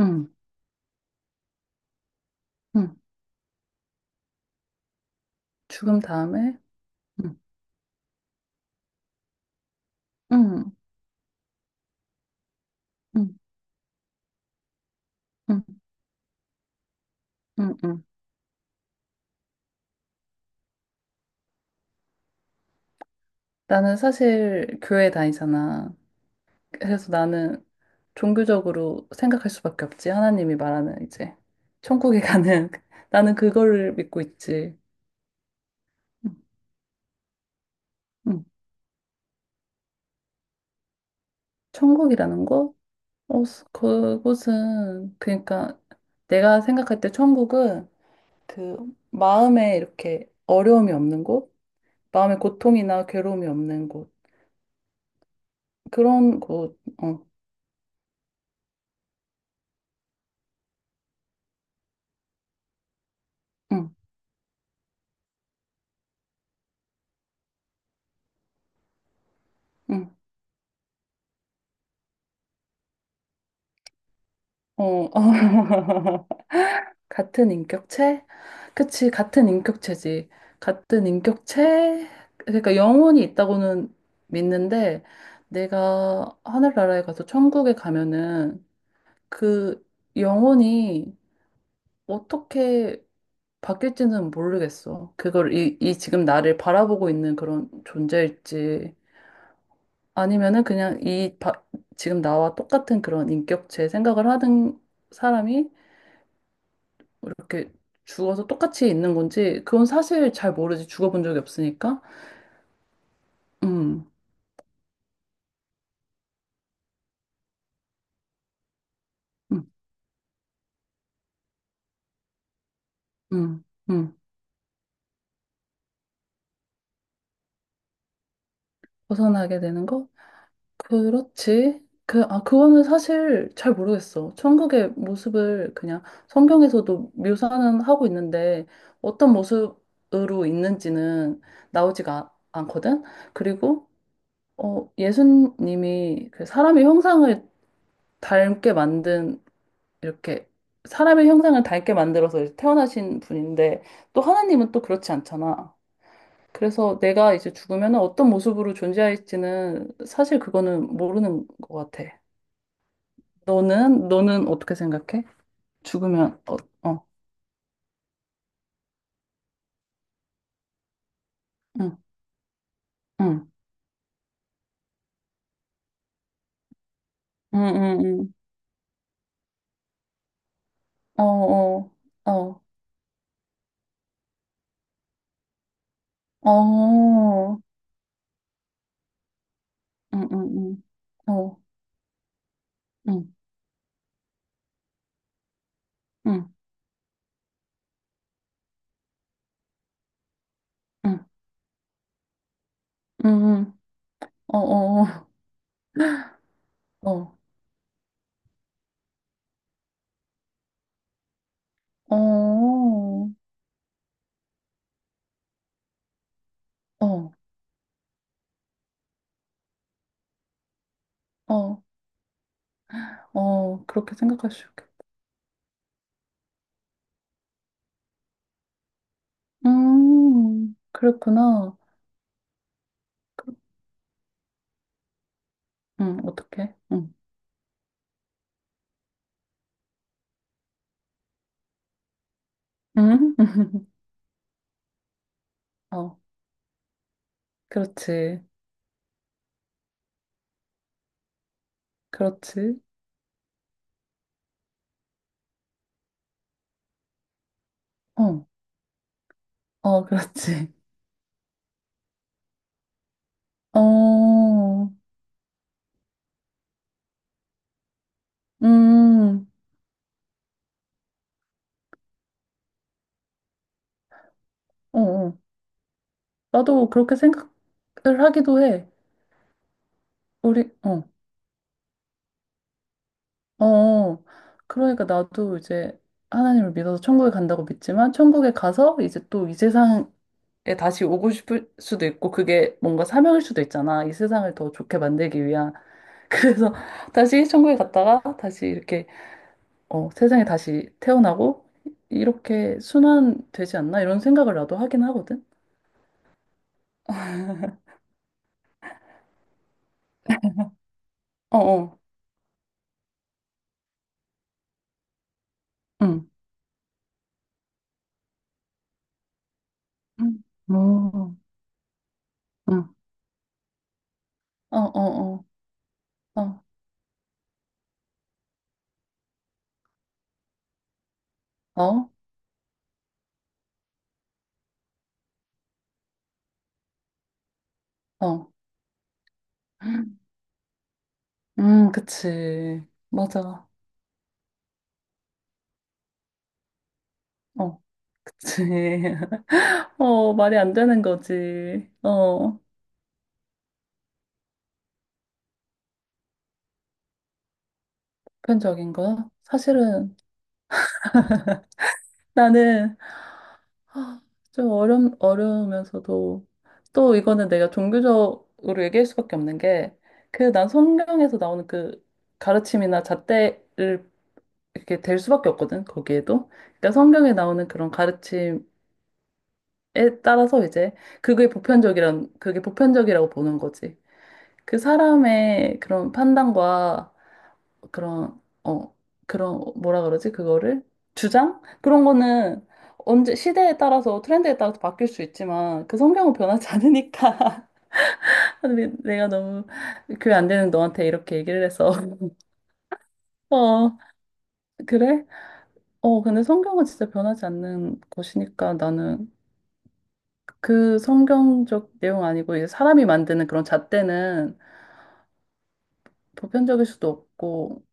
응, 응. 죽음 다음에? 응, 응, 응, 응, 응, 응. 나는 사실 교회 다니잖아. 그래서 나는 종교적으로 생각할 수밖에 없지. 하나님이 말하는 이제 천국에 가는 나는 그거를 믿고 있지. 응, 응. 천국이라는 거? 그곳은 그러니까 내가 생각할 때 천국은 그 마음에 이렇게 어려움이 없는 곳, 마음에 고통이나 괴로움이 없는 곳 그런 곳. 어. 응. 응. 어, 어. 같은 인격체? 그치, 같은 인격체지. 같은 인격체? 그러니까 영혼이 있다고는 믿는데, 내가 하늘나라에 가서 천국에 가면은 그 영혼이 어떻게 바뀔지는 모르겠어. 그걸 이 지금 나를 바라보고 있는 그런 존재일지, 아니면은 그냥 이 바- 지금 나와 똑같은 그런 인격체 생각을 하는 사람이 이렇게 죽어서 똑같이 있는 건지 그건 사실 잘 모르지 죽어본 적이 없으니까. 음, 음, 음, 음. 벗어나게 되는 거? 그렇지. 그거는 사실 잘 모르겠어. 천국의 모습을 그냥 성경에서도 묘사는 하고 있는데 어떤 모습으로 있는지는 나오지가 않거든? 그리고, 어, 예수님이 그 사람의 형상을 닮게 만든 이렇게 사람의 형상을 닳게 만들어서 이제 태어나신 분인데 또 하나님은 또 그렇지 않잖아. 그래서 내가 이제 죽으면 어떤 모습으로 존재할지는 사실 그거는 모르는 것 같아. 너는 어떻게 생각해? 죽으면 어, 어, 응, 응, 응, 응, 응, 응, 어, 어, 어, 어, 응, 응, 응, 어, 응, 응, 응, 응, 응, 응, 어, 어, 어, 어, 어, 어. 어, 어, 그렇게 생각할 수 있겠다. 그렇구나. 그- 어떡해. 음? 어, 그렇지. 그렇지. 어, 어, 그렇지. 어, 음, 어, 어. 나도 그렇게 생각을 하기도 해. 우리, 어, 어. 그러니까 나도 이제 하나님을 믿어서 천국에 간다고 믿지만, 천국에 가서 이제 또 이 세상 에 다시 오고 싶을 수도 있고 그게 뭔가 사명일 수도 있잖아. 이 세상을 더 좋게 만들기 위한 그래서 다시 천국에 갔다가 다시 이렇게 어, 세상에 다시 태어나고 이렇게 순환되지 않나 이런 생각을 나도 하긴 하거든. 어, 어, 응, 응, 어, 응, 어, 어, 어, 어, 어, 어, 그치, 맞아, 어, 그치, 어, 말이 안 되는 거지, 어, 보편적인 거 사실은 나는 좀 어려우면서도 또 이거는 내가 종교적으로 얘기할 수밖에 없는 게 그 난 성경에서 나오는 그 가르침이나 잣대를 이렇게 될 수밖에 없거든. 거기에도 그러니까 성경에 나오는 그런 가르침에 따라서 이제 그게 보편적이라고 보는 거지. 그 사람의 그런 판단과 그런, 어, 그런, 뭐라 그러지? 그거를? 주장? 그런 거는 언제, 시대에 따라서, 트렌드에 따라서 바뀔 수 있지만, 그 성경은 변하지 않으니까. 근데 내가 너무 교회 안 되는 너한테 이렇게 얘기를 해서. 어, 그래? 어, 근데 성경은 진짜 변하지 않는 것이니까 나는 그 성경적 내용 아니고, 이제 사람이 만드는 그런 잣대는 보편적일 수도 없고,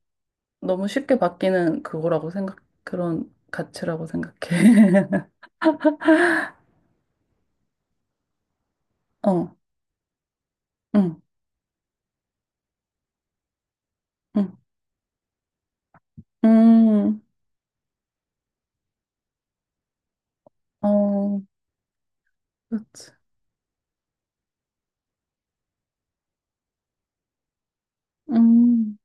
너무 쉽게 바뀌는 그런 가치라고 생각해. 어. 응, 응, 음, 어, 그렇지. 음,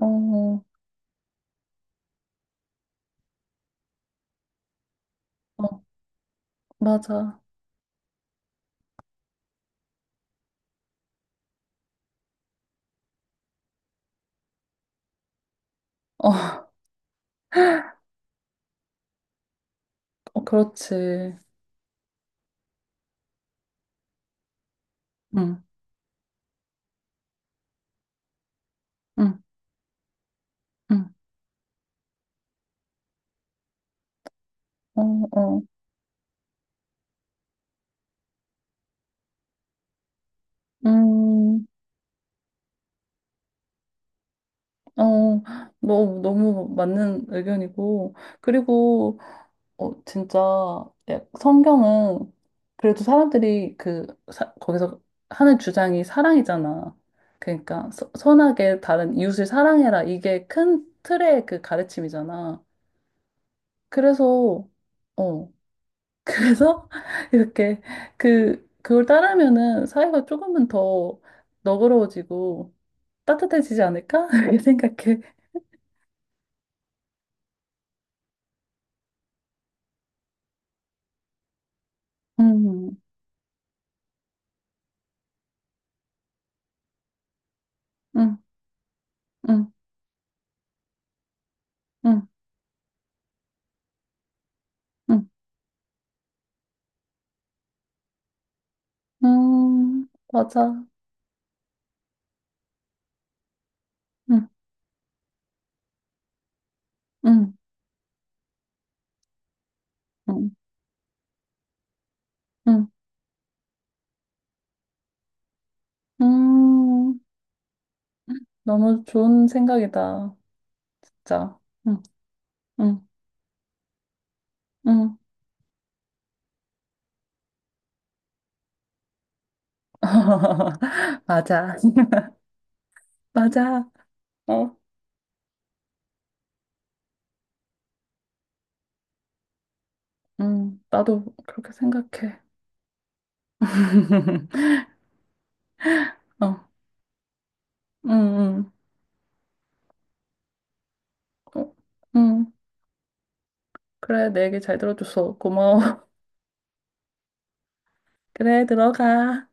어, 어, 맞아. 어, 어, 그렇지. 응, 응, 응, 어, 어, 음, 어, 너무 맞는 의견이고. 그리고, 어, 진짜, 성경은 그래도 사람들이 거기서 하는 주장이 사랑이잖아. 선하게 다른 이웃을 사랑해라. 이게 큰 틀의 그 가르침이잖아. 그래서, 어, 그래서 이렇게 그걸 따르면은 사회가 조금은 더 너그러워지고 따뜻해지지 않을까? 이렇게 생각해. 음, 음, 음, 음, 음, 맞아. 음, 음, 음, 음, 음. 너무 좋은 생각이다. 진짜. 응, 응, 응. 맞아. 맞아. 어, 응, 나도 그렇게 생각해. 어. 응, 응. 어, 응. 그래, 내 얘기 잘 들어줘서 고마워. 그래, 들어가.